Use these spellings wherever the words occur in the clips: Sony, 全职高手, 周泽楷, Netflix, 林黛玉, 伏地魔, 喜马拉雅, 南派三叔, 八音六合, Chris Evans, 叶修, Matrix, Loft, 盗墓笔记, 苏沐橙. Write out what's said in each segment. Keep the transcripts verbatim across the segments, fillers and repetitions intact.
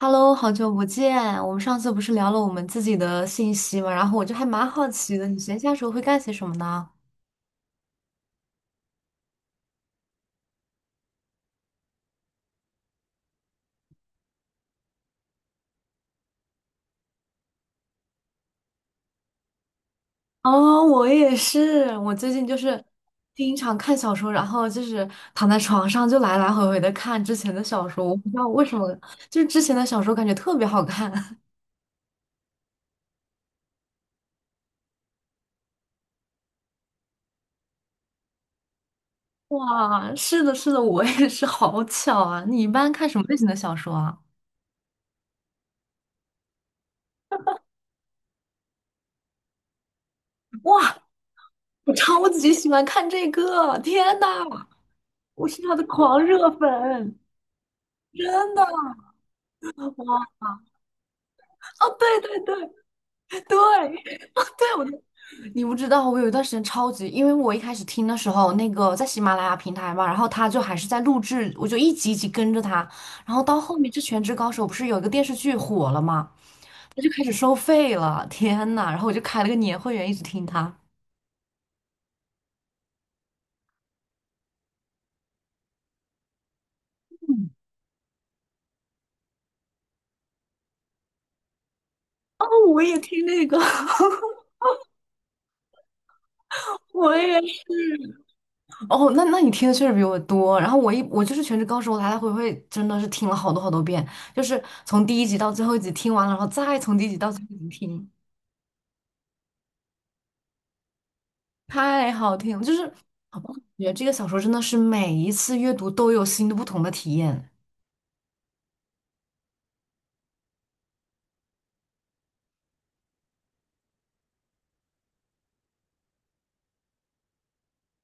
Hello，好久不见。我们上次不是聊了我们自己的信息嘛，然后我就还蛮好奇的，你闲暇时候会干些什么呢？哦，我也是。我最近就是经常看小说，然后就是躺在床上就来来回回的看之前的小说。我不知道为什么，就是之前的小说感觉特别好看。哇，是的，是的，我也是，好巧啊！你一般看什么类型的小说啊？哇，我超级喜欢看这个！天呐，我是他的狂热粉，真的。哦，对对对对，哦，对，我就你不知道，我有一段时间超级，因为我一开始听的时候，那个在喜马拉雅平台嘛，然后他就还是在录制，我就一集一集跟着他，然后到后面这《全职高手》不是有一个电视剧火了嘛，他就开始收费了，天呐，然后我就开了个年会员，一直听他。嗯哦，我也听那个，我也。哦，那那你听的确实比我多。然后我一我就是《全职高手》，我来来回回真的是听了好多好多遍，就是从第一集到最后一集听完了，然后再从第一集到最后一集听，太好听了。就是觉得这个小说真的是每一次阅读都有新的不同的体验。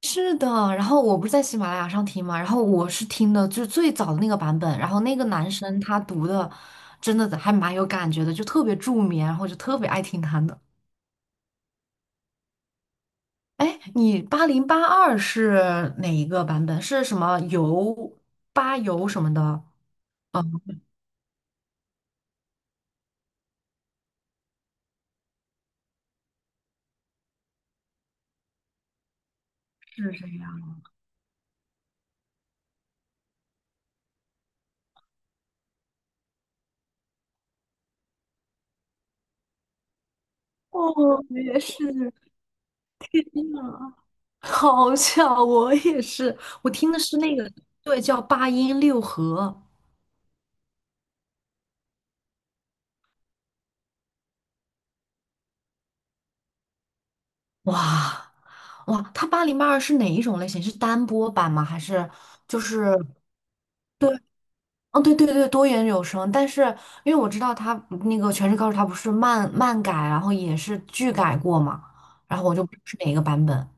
是的，然后我不是在喜马拉雅上听嘛，然后我是听的就是最早的那个版本，然后那个男生他读的真的还蛮有感觉的，就特别助眠，然后就特别爱听他的。哎，你八零八二是哪一个版本？是什么油八油什么的？哦，是这样。哦，我也是天呐 好巧，我也是，我听的是那个，对，叫八音六合。哇哇，它八零八二是哪一种类型？是单播版吗？还是就是对，哦对对对，多元有声。但是因为我知道它那个《全职高手》，它不是漫漫改，然后也是剧改过嘛，然后我就不知道是哪一个版本。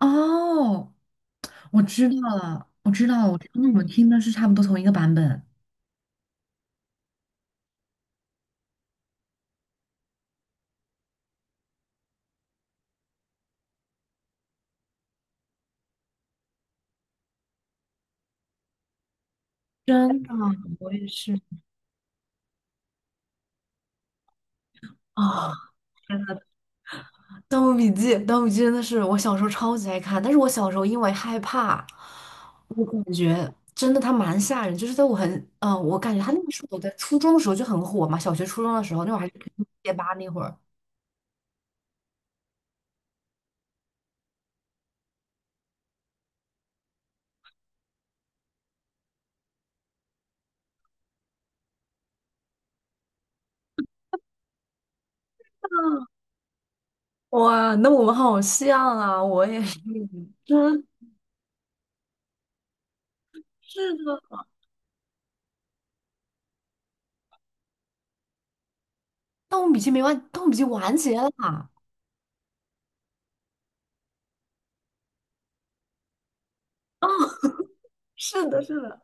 哦，我知道了，我知道了，我听我们听的是差不多同一个版本。真的，我也是啊，《盗墓笔记》《盗墓笔记》真的是我小时候超级爱看，但是我小时候因为害怕，我感觉真的它蛮吓人。就是在我很嗯、呃我感觉它那个时候我在初中的时候就很火嘛，小学初中的时候，那会儿还是贴吧那会儿。哇，那我们好像啊，我也是，真是的，《盗墓笔记》没完，《盗墓笔记》完结了。是的，是的。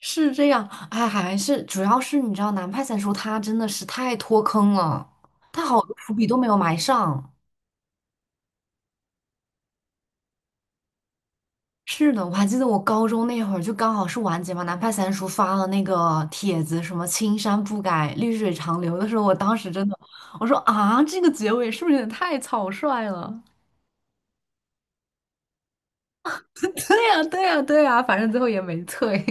是这样，哎，还是主要是你知道，南派三叔他真的是太脱坑了，他好多伏笔都没有埋上。是的，我还记得我高中那会儿，就刚好是完结嘛，南派三叔发了那个帖子，什么“青山不改，绿水长流”的时候，我当时真的，我说啊，这个结尾是不是有点太草率了？对呀，对呀，对呀，反正最后也没退。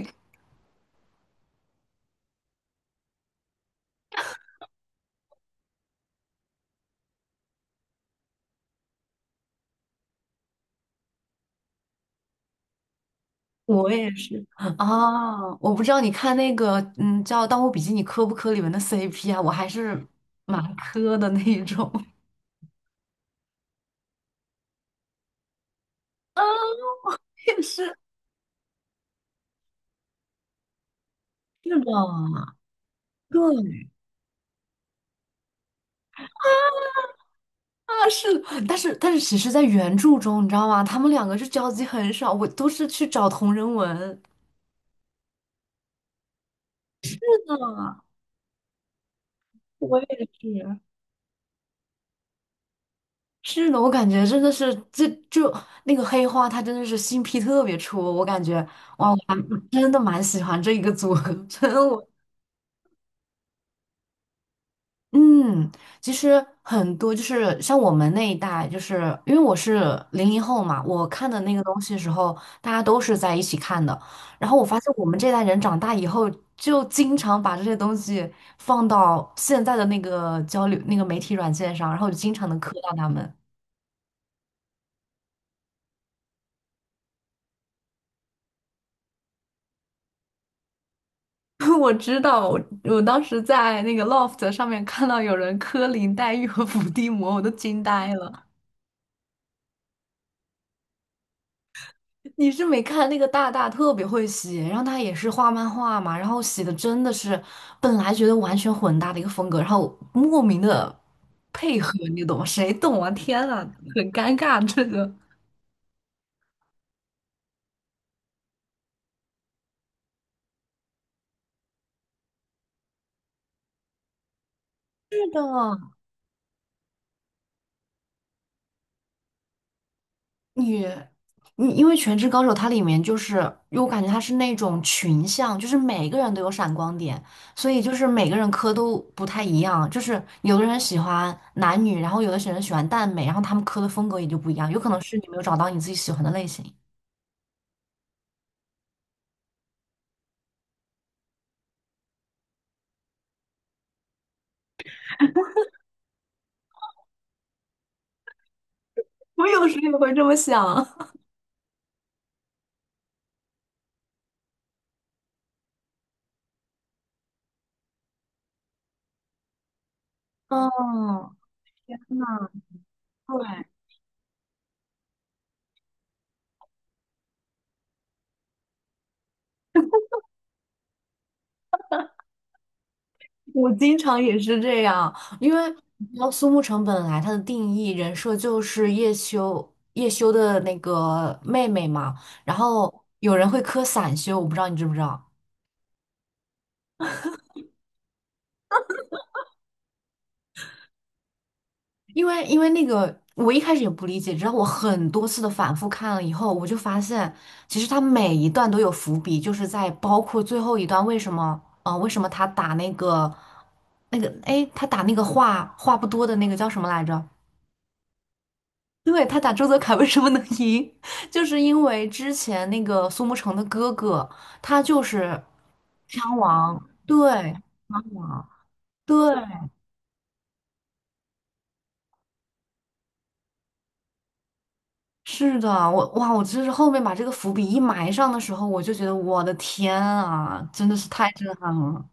我也是啊，我不知道你看那个，嗯，叫《盗墓笔记》，你磕不磕里面的 C P 啊？我还是蛮磕的那一种。也是。是的，对啊，是的，但是但是，其实，在原著中，你知道吗？他们两个就交集很少，我都是去找同人文。是的，我也是。是的，我感觉真的是，这就那个黑花，他真的是新 p 特别出，我感觉真的蛮喜欢这一个组合，真的我。嗯，其实很多就是像我们那一代，就是因为我是零零后嘛，我看的那个东西的时候，大家都是在一起看的。然后我发现我们这代人长大以后，就经常把这些东西放到现在的那个交流那个媒体软件上，然后就经常能磕到他们。我知道，我我当时在那个 Loft 上面看到有人磕林黛玉和伏地魔，我都惊呆了。你是没看那个大大特别会写，然后他也是画漫画嘛，然后写的真的是本来觉得完全混搭的一个风格，然后莫名的配合，你懂吗？谁懂啊？天啊，很尴尬这个。是的，你，你因为《全职高手》它里面就是，因为我感觉它是那种群像，就是每个人都有闪光点，所以就是每个人磕都不太一样，就是有的人喜欢男女，然后有的人喜欢耽美，然后他们磕的风格也就不一样，有可能是你没有找到你自己喜欢的类型。我有时也会这么想。嗯，那对。我经常也是这样，因为你知道苏沐橙本来她的定义人设就是叶修叶修的那个妹妹嘛，然后有人会磕散修，我不知道你知不知道，因为因为那个我一开始也不理解，直到我很多次的反复看了以后，我就发现其实他每一段都有伏笔，就是在包括最后一段为什么啊、呃为什么他打那个那个哎他打那个话话不多的那个叫什么来着？对，他打周泽楷为什么能赢？就是因为之前那个苏沐橙的哥哥，他就是枪王，对，枪王，对，是的，我哇，我真是后面把这个伏笔一埋上的时候，我就觉得我的天啊，真的是太震撼了。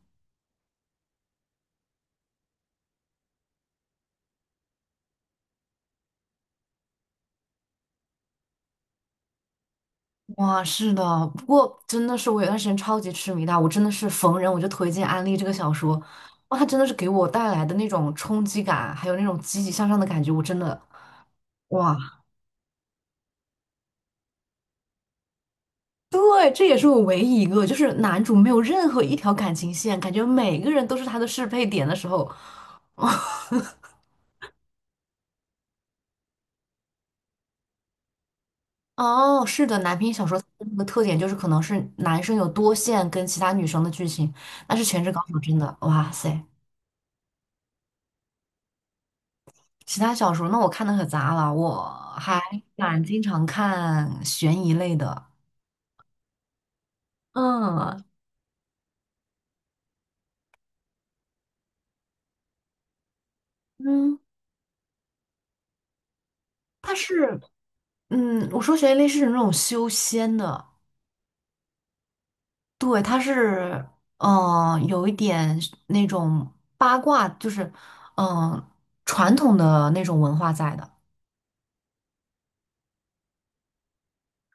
哇，是的，不过真的是我有段时间超级痴迷他，我真的是逢人我就推荐安利这个小说，哇，他真的是给我带来的那种冲击感，还有那种积极向上的感觉，我真的哇。对，这也是我唯一一个，就是男主没有任何一条感情线，感觉每个人都是他的适配点的时候。哦，是的，男频小说它的那个特点就是可能是男生有多线跟其他女生的剧情，但是《全职高手》真的，哇塞！其他小说那我看的可杂了，我还蛮经常看悬疑类的。嗯嗯，它是，嗯，我说悬疑类是那种修仙的，对，它是，嗯、有一点那种八卦，就是，嗯、传统的那种文化在的。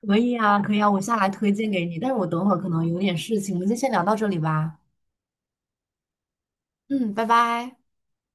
可以啊，可以啊，我下来推荐给你，但是我等会儿可能有点事情，我们就先聊到这里吧。嗯，拜拜。